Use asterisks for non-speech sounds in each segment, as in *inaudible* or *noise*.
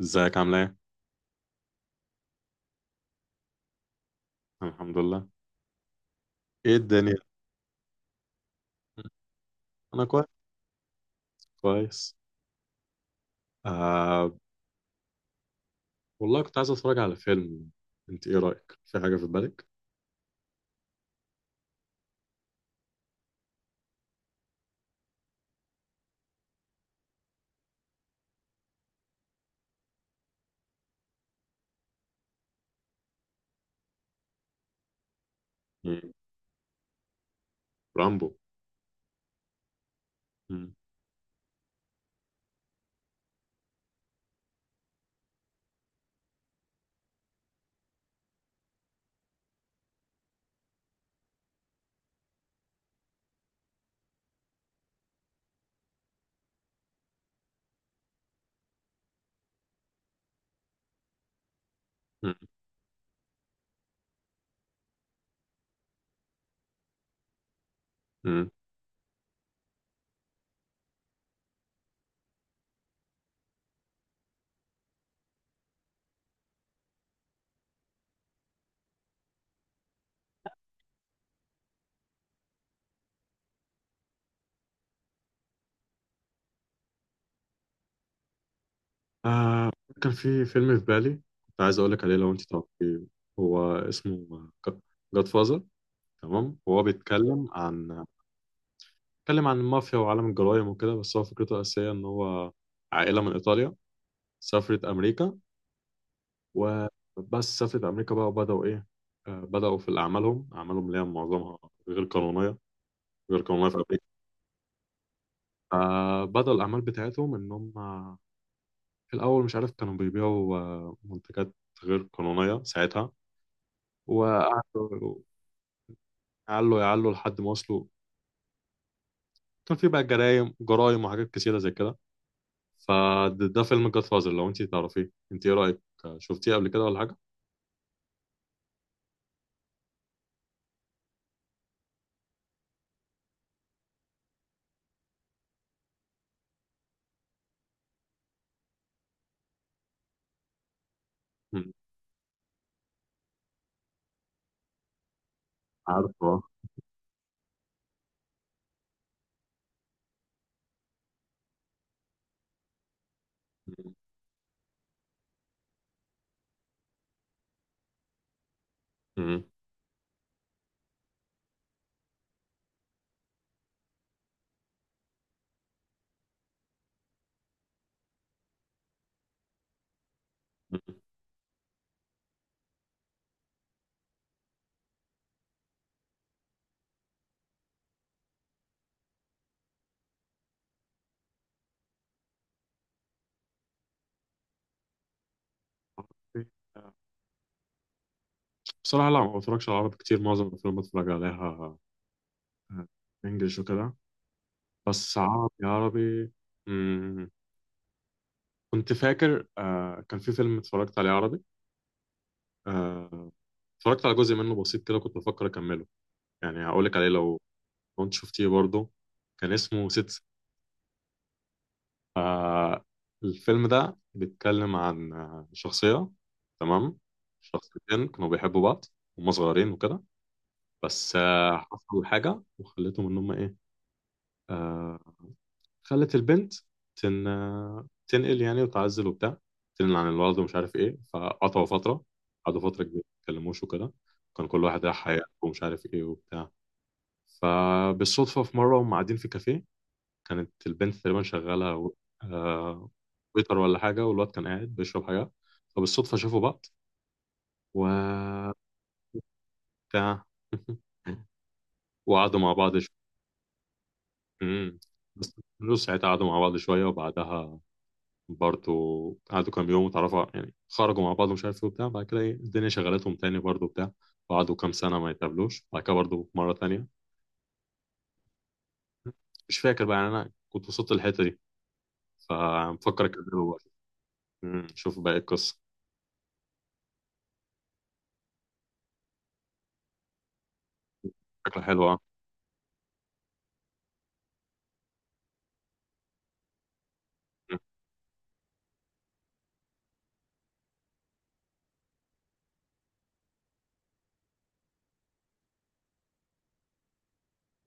ازيك عامل ايه؟ أنا الحمد لله. ايه الدنيا؟ انا كويس. كويس. آه. والله كنت عايز اتفرج على فيلم. انت ايه رأيك؟ في حاجة في بالك؟ مم. رامبو. مم. مم. مم. آه. كان في فيلم في بالي، كنت عايز اقول لك عليه لو انت تعرفيه. هو اسمه جاد فازر. تمام. هو بيتكلم عن المافيا وعالم الجرايم وكده، بس هو فكرته الأساسية ان هو عائلة من ايطاليا سافرت امريكا. وبس سافرت أمريكا بقى وبدأوا إيه. بدأوا في أعمالهم اللي هي معظمها غير قانونية غير قانونية في أمريكا. فبدأوا الأعمال بتاعتهم إن هم في الأول مش عارف كانوا بيبيعوا منتجات غير قانونية ساعتها. وقعدوا يعلوا يعلوا لحد ما وصلوا. كان في بقى جرايم جرايم وحاجات كتيرة زي كده. فده فيلم جاد فازر. لو أنت تعرفيه، أنت إيه رأيك؟ شفتيه قبل كده ولا حاجة؟ مم. عارفه. آه. مم. مم. بصراحة لا، ما بتفرجش على عربي كتير، معظم الأفلام بتفرج عليها آه، إنجلش وكده. بس عربي عربي. مم. كنت فاكر كان في فيلم اتفرجت عليه عربي. آه. اتفرجت على جزء منه بسيط كده، كنت بفكر أكمله. يعني هقولك عليه لو أنت شفتيه برضه. كان اسمه ست. آه. الفيلم ده بيتكلم عن شخصية. تمام. شخصيتين كانوا بيحبوا بعض وهم صغيرين وكده. بس حصل حاجة وخلتهم إن هم إيه. آه، خلت البنت تن... تنقل يعني وتعزل وبتاع. تنقل عن الولد ومش عارف ايه، فقطعوا فترة. قعدوا فترة كبيرة ما اتكلموش وكده. كان كل واحد راح حياته ومش عارف ايه وبتاع. فبالصدفة في مرة هم قاعدين في كافيه، كانت البنت تقريبا شغالة آه... ويتر ولا حاجة، والواد كان قاعد بيشرب حاجة. فبالصدفة شافوا بعض و بتاع *laughs* وقعدوا مع بعض شوية. بس ساعتها قعدوا مع بعض شوية، وبعدها برضو قعدوا كام يوم وتعرفوا، يعني خرجوا مع بعض ومش عارف ايه وبتاع. بعد كده ايه الدنيا شغلتهم تاني برضو بتاع، وقعدوا كام سنة ما يتقابلوش بعد كده برضو مرة تانية. مش فاكر بقى، يعني أنا كنت وصلت الحتة دي فمفكر أكمله بقى. مم. شوف باقي القصة. فكرة حلوة أه.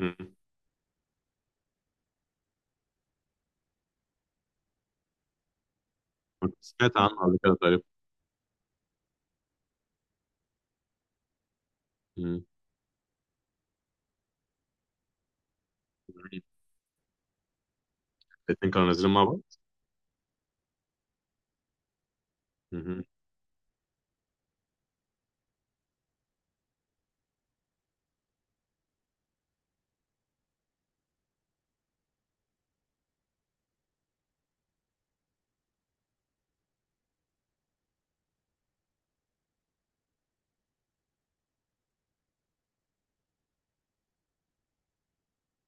مم. مم. سمعت عنه قبل كده تقريبا. مم. الاتنين كانوا نازلين مع بعض. مم.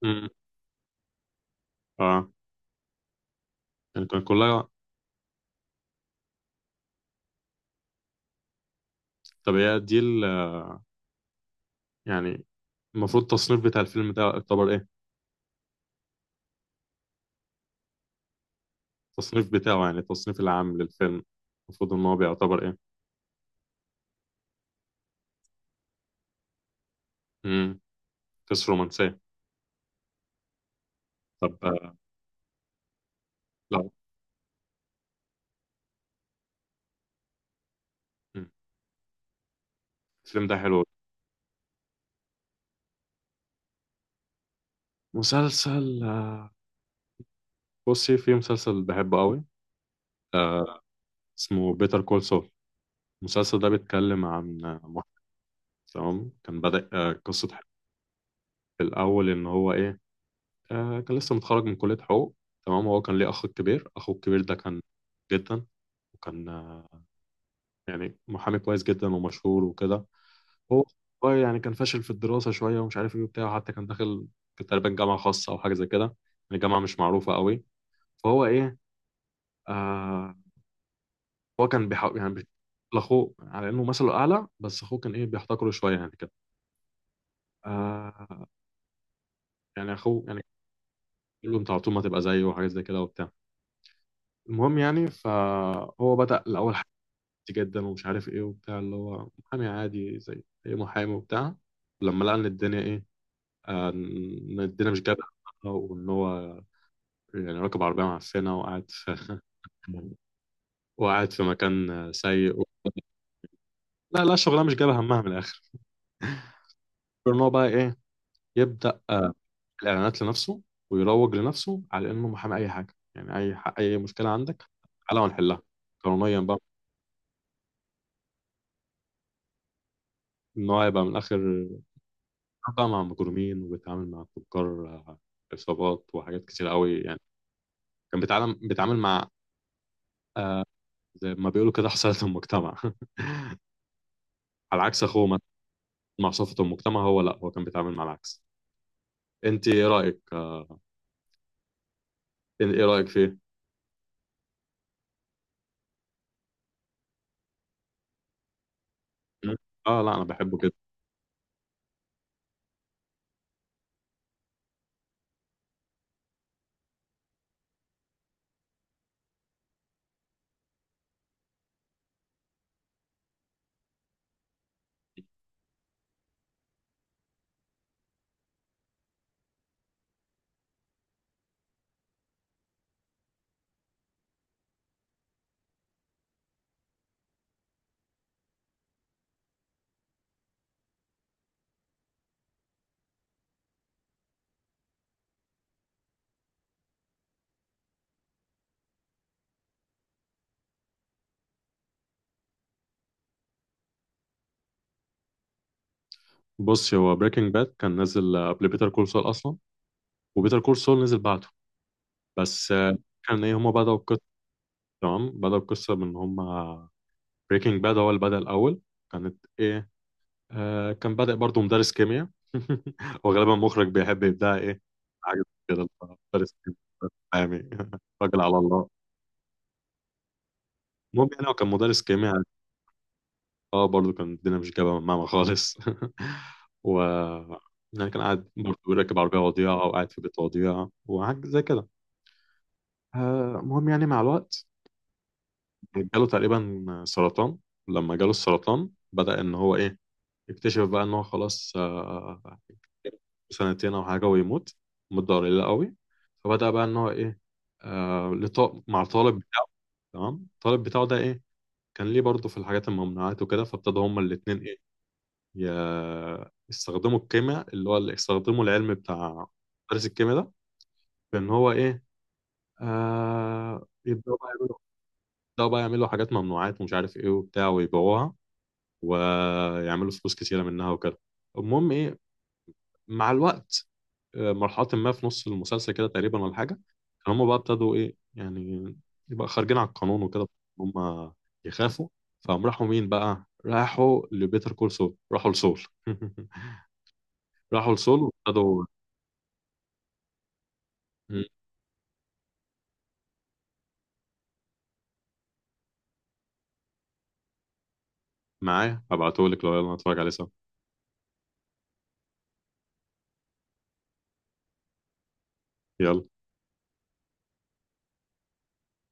مم. اه. يعني كان كلها. طب هي دي يعني المفروض التصنيف بتاع الفيلم ده يعتبر إيه؟ التصنيف بتاعه يعني التصنيف العام للفيلم، المفروض ان هو بيعتبر ايه. امم قصة رومانسية. طب لا. مم. الفيلم ده حلو. مسلسل بصي في مسلسل بحبه قوي. اسمه بيتر كول سول. المسلسل ده بيتكلم عن واحد. تمام. كان بدأ قصة حب في الأول إن هو إيه. كان لسه متخرج من كلية حقوق. تمام. هو كان ليه أخ كبير، أخوه الكبير ده كان جدا. وكان يعني محامي كويس جدا ومشهور وكده. هو هو يعني كان فاشل في الدراسة شوية ومش عارف ايه وبتاع، حتى كان داخل كان تقريبا جامعة خاصة أو حاجة زي كده، يعني جامعة مش معروفة قوي. فهو ايه. آه. هو كان بيحاول يعني لأخوه على إنه مثله أعلى، بس أخوه كان ايه، بيحتقره شوية يعني كده. آه. يعني أخوه يعني بيقول له أنت على طول ما تبقى زيه وحاجات زي كده وبتاع. المهم يعني فهو بدأ الأول حاجات جدا ومش عارف ايه وبتاع، اللي هو محامي عادي زي أي محامي وبتاع. لما لقى إن الدنيا ايه. آه. إن الدنيا مش جايبة، وإن هو يعني راكب عربية معفنة وقاعد في مكان سيء لا لا، شغلانة مش جايبة همها من الآخر. غير إن هو بقى إيه، يبدأ الإعلانات لنفسه، ويروج لنفسه على إنه محامي أي حاجة، يعني أي أي مشكلة عندك تعالى ونحلها قانونيا بقى. إن هو يبقى من الآخر بقى مع مجرمين وبيتعامل مع تجار عصابات وحاجات كتير قوي، يعني كان بيتعامل مع زي ما بيقولوا كده حصلت المجتمع *laughs* على عكس أخوه مثلا، مع صفة المجتمع هو، لا، هو كان بيتعامل مع العكس. أنت إيه رأيك؟ ايه رأيك فيه؟ مم. اه، لا، انا بحبه جدا. بص، هو بريكنج باد كان نازل قبل بيتر كول سول اصلا، وبيتر كول سول نزل بعده. بس كان ايه، هما بدأوا القصة. تمام. بدأوا القصة من هما بريكنج باد هو اللي بدأ الأول. كانت ايه. آه. كان بادئ برضه مدرس كيمياء *laughs* وغالبا مخرج بيحب يبدأ ايه حاجة كده. مدرس كيمياء يعني *laughs* راجل على الله. المهم يعني هو كان مدرس كيمياء. اه برضو كان الدنيا مش جايبه معانا خالص *laughs* و يعني كان قاعد برضه راكب عربية وضيعة أو قاعد في بيت وضيعة وحاجة زي كده. المهم يعني مع الوقت جاله تقريبا سرطان. لما جاله السرطان بدأ إن هو إيه، يكتشف بقى إن هو خلاص سنتين أو حاجة ويموت. مدة قليلة قوي. فبدأ بقى إن هو إيه. مع الطالب بتاعه. تمام. الطالب بتاعه ده إيه، كان ليه برضه في الحاجات الممنوعات وكده. فابتدوا هما الاتنين إيه، ي- يستخدموا الكيمياء اللي هو اللي يستخدموا العلم بتاع مدرس الكيمياء ده، بان هو ايه. آه. يبداوا بقى يعملوا حاجات ممنوعات ومش عارف ايه وبتاع، ويبيعوها ويعملوا فلوس كتيره منها وكده. المهم ايه، مع الوقت مرحله ما في نص المسلسل كده تقريبا ولا حاجه، كان هم بقى ابتدوا ايه، يعني يبقى خارجين على القانون وكده، هم يخافوا. فقام راحوا مين بقى، راحوا لبيتر كول سول، راحوا لسول *laughs* راحوا لسول وابتدوا. معايا هبعتهولك لو، يلا نتفرج عليه سوا. يلا.